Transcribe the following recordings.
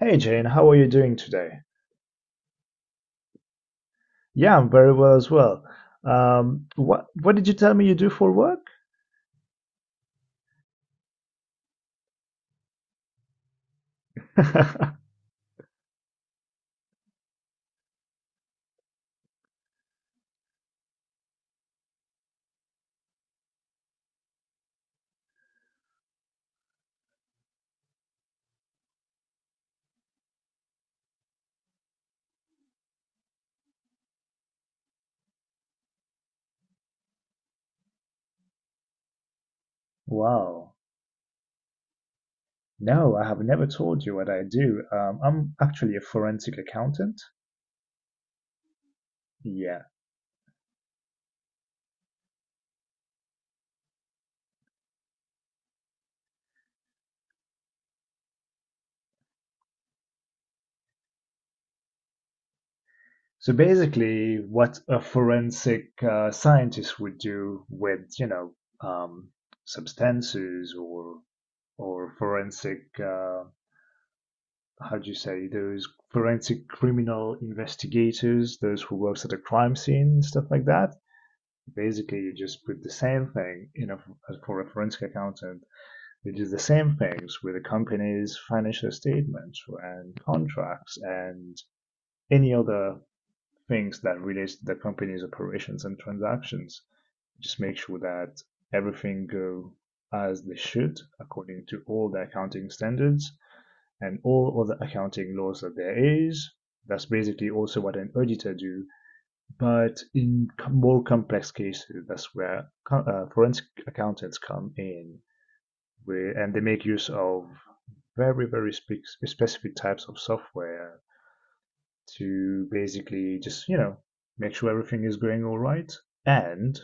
Hey Jane, how are you doing today? Yeah, I'm very well as well. What did you tell me you do for work? Wow. No, I have never told you what I do. I'm actually a forensic accountant. Yeah. So basically, what a forensic scientist would do with, um, substances or forensic how do you say, those forensic criminal investigators, those who works at a crime scene and stuff like that. Basically, you just put the same thing. For a forensic accountant, you do the same things with a company's financial statements and contracts and any other things that relates to the company's operations and transactions. Just make sure that everything go as they should according to all the accounting standards and all other accounting laws that there is. That's basically also what an auditor do. But in more complex cases, that's where forensic accountants come in, and they make use of very, very specific types of software to basically just, make sure everything is going all right. And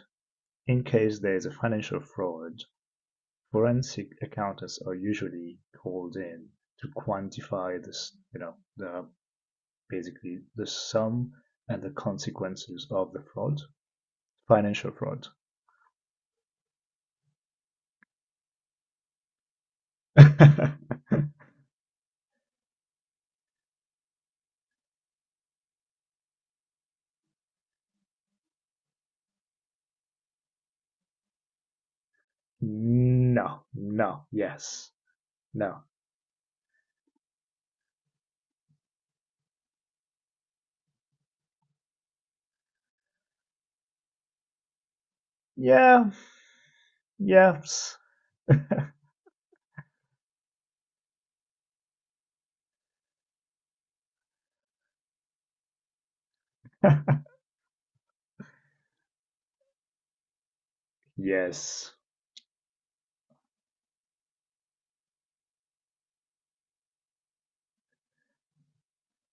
in case there's a financial fraud, forensic accountants are usually called in to quantify this, you know, the basically the sum and the consequences of the fraud, financial fraud. No, no, yes, no. Yeah, yes, yes,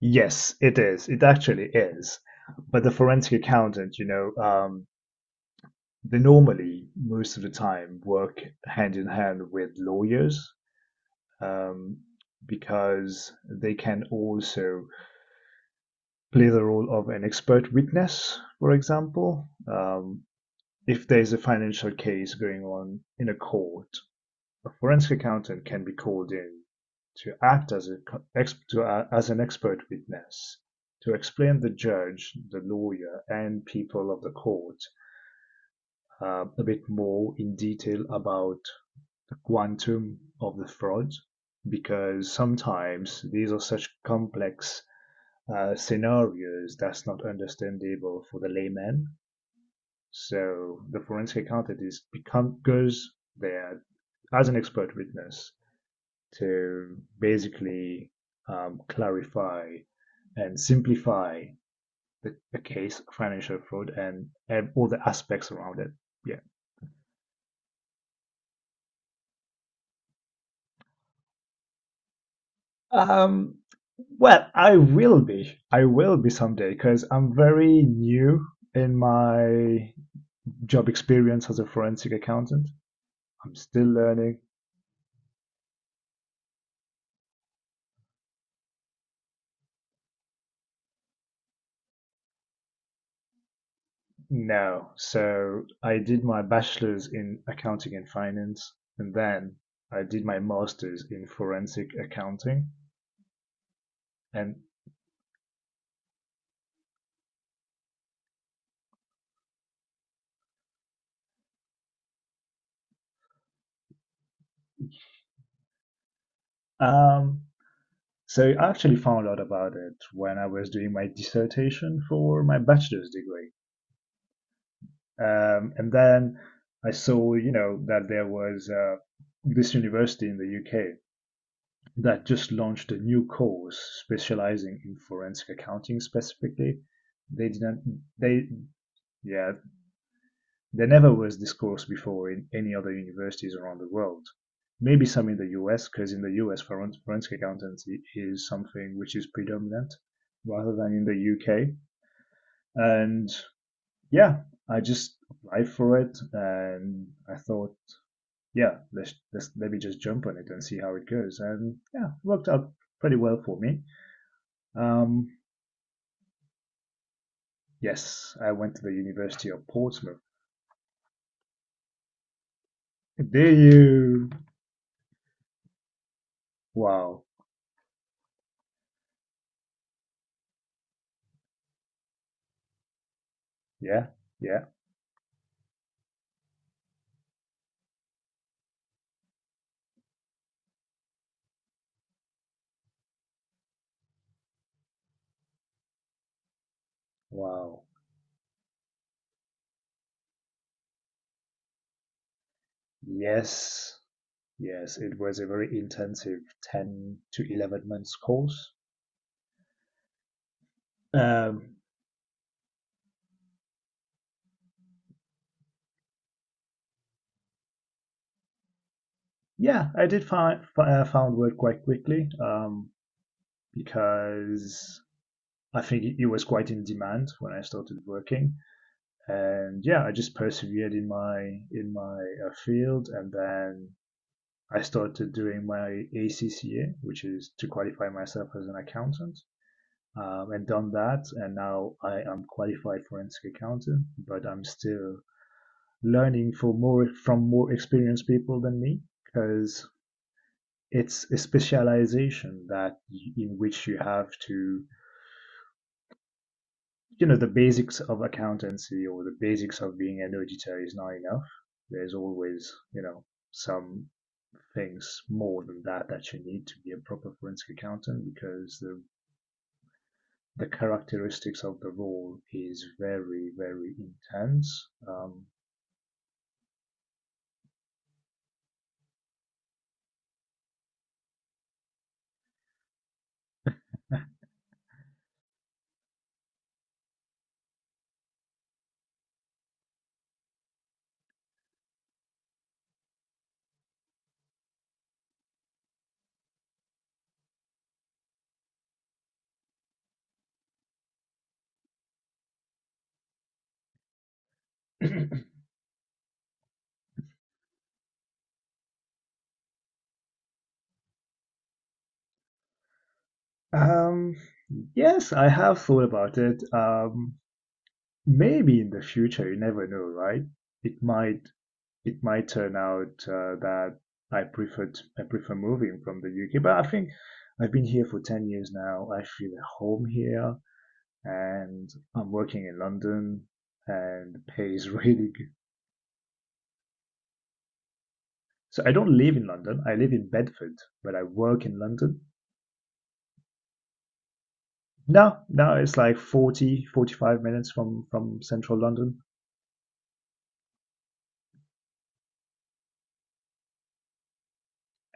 yes, it is. It actually is. But the forensic accountant, they normally, most of the time, work hand in hand with lawyers, um, because they can also play the role of an expert witness, for example, if there's a financial case going on in a court, a forensic accountant can be called in to act as an expert witness to explain the judge, the lawyer, and people of the court, a bit more in detail about the quantum of the fraud, because sometimes these are such complex scenarios that's not understandable for the layman. So the forensic accountant is become goes there as an expert witness to basically clarify and simplify the case of financial fraud and all the aspects around it. Yeah. Um, well, I will be. I will be someday because I'm very new in my job experience as a forensic accountant. I'm still learning. No. So I did my bachelor's in accounting and finance, and then I did my master's in forensic accounting. And um, so I actually found out about it when I was doing my dissertation for my bachelor's degree. And then I saw, that there was this university in the UK that just launched a new course specializing in forensic accounting specifically. They didn't, they, Yeah, there never was this course before in any other universities around the world. Maybe some in the US, because in the US, forensic accountancy is something which is predominant rather than in the UK. And yeah, I just applied for it and I thought, yeah, let me just jump on it and see how it goes. And yeah, it worked out pretty well for me. Um, Yes, I went to the University of Portsmouth. Did you? Wow. Yeah, yeah. Wow. Yes, yes. It was a very intensive 10 to 11 months course. Um, yeah, I did find found work quite quickly, because I think it was quite in demand when I started working. And yeah, I just persevered in my field, and then I started doing my ACCA, which is to qualify myself as an accountant, and done that. And now I am qualified forensic accountant, but I'm still learning for more from more experienced people than me, because it's a specialization that in which you have to you know the basics of accountancy or the basics of being an auditor is not enough. There's always some things more than that that you need to be a proper forensic accountant, because the characteristics of the role is very very intense. Um, yes, I have thought about it. Maybe in the future, you never know, right? It might turn out that I prefer I prefer moving from the UK, but I think I've been here for 10 years now. I feel at home here. And I'm working in London and the pay is really good. So I don't live in London. I live in Bedford, but I work in London. Now it's like 45 minutes from central London.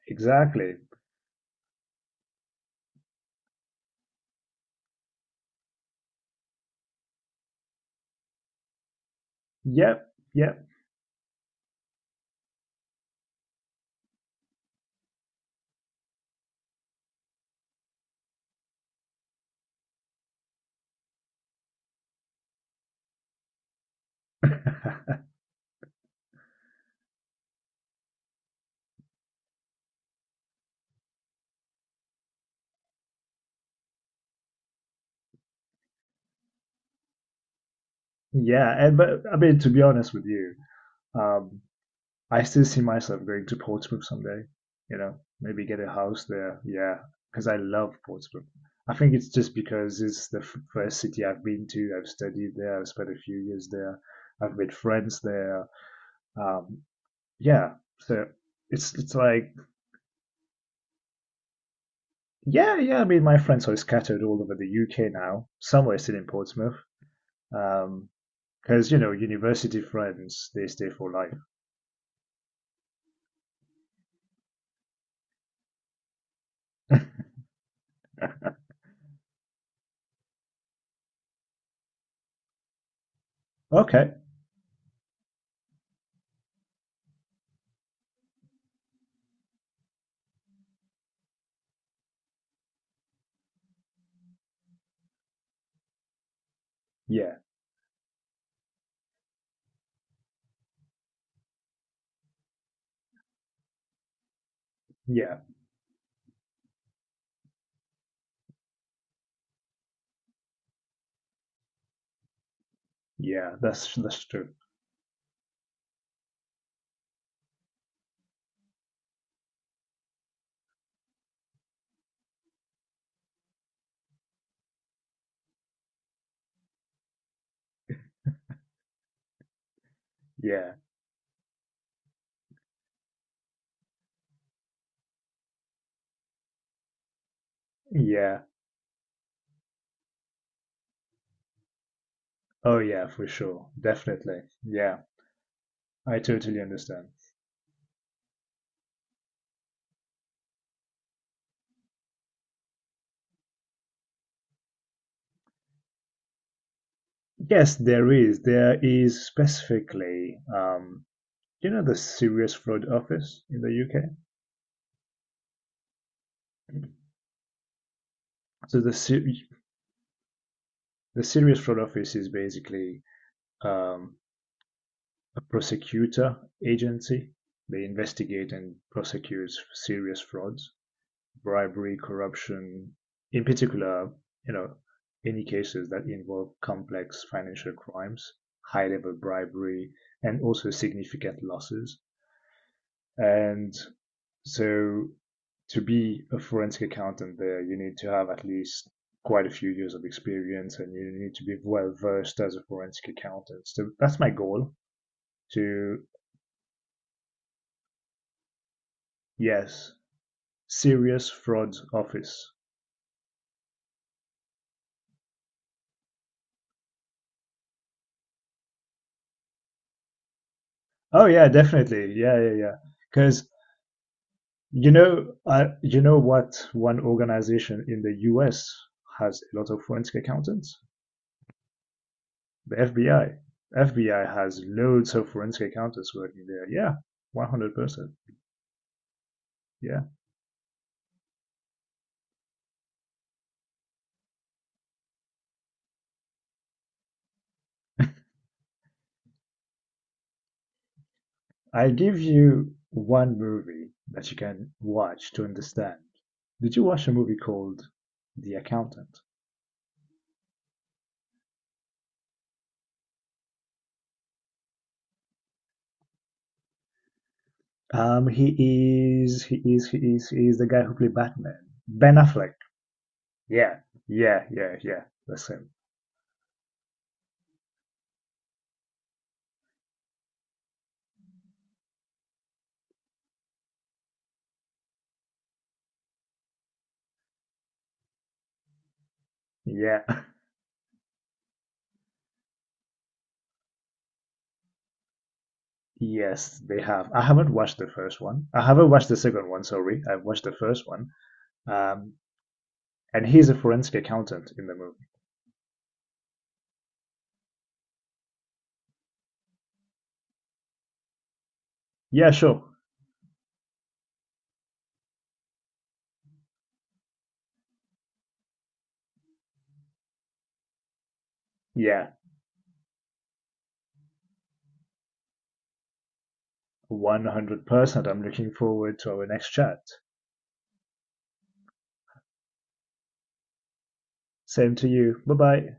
Exactly. Yep. Yep. Yeah. But I mean, to be honest with you, um, I still see myself going to Portsmouth someday. You know, maybe get a house there. Yeah, because I love Portsmouth. I think it's just because it's the first city I've been to. I've studied there. I've spent a few years there. I've made friends there. Um, yeah, so it's like, yeah, yeah. I mean, my friends are scattered all over the UK now. Some are still in Portsmouth. Um, because university friends they stay for life. Okay. Yeah, yeah, yeah. That's true. Yeah, yeah. Oh, yeah, for sure. Definitely. Yeah, I totally understand. Yes, there is. There is specifically, the Serious Fraud Office in the UK? So the the Serious Fraud Office is basically um, a prosecutor agency. They investigate and prosecute serious frauds, bribery, corruption, in particular, you know, any cases that involve complex financial crimes, high level bribery, and also significant losses. And so to be a forensic accountant there, you need to have at least quite a few years of experience and you need to be well versed as a forensic accountant. So that's my goal to, yes, Serious Fraud Office. Oh, yeah, definitely. Yeah, yeah, yeah. Because You know, I, you know what one organization in the US has a lot of forensic accountants? The FBI. FBI has loads of forensic accountants working there. Yeah, 100%. Yeah. I give you one movie that you can watch to understand. Did you watch a movie called The Accountant? He is, he is, he is, he is the guy who played Batman. Ben Affleck. Yeah, yeah, yeah, yeah. That's him. Yeah. Yes, they have. I haven't watched the first one. I haven't watched the second one, sorry. I've watched the first one. Um, and he's a forensic accountant in the movie. Yeah, sure. Yeah, 100%. I'm looking forward to our next chat. Same to you. Bye bye.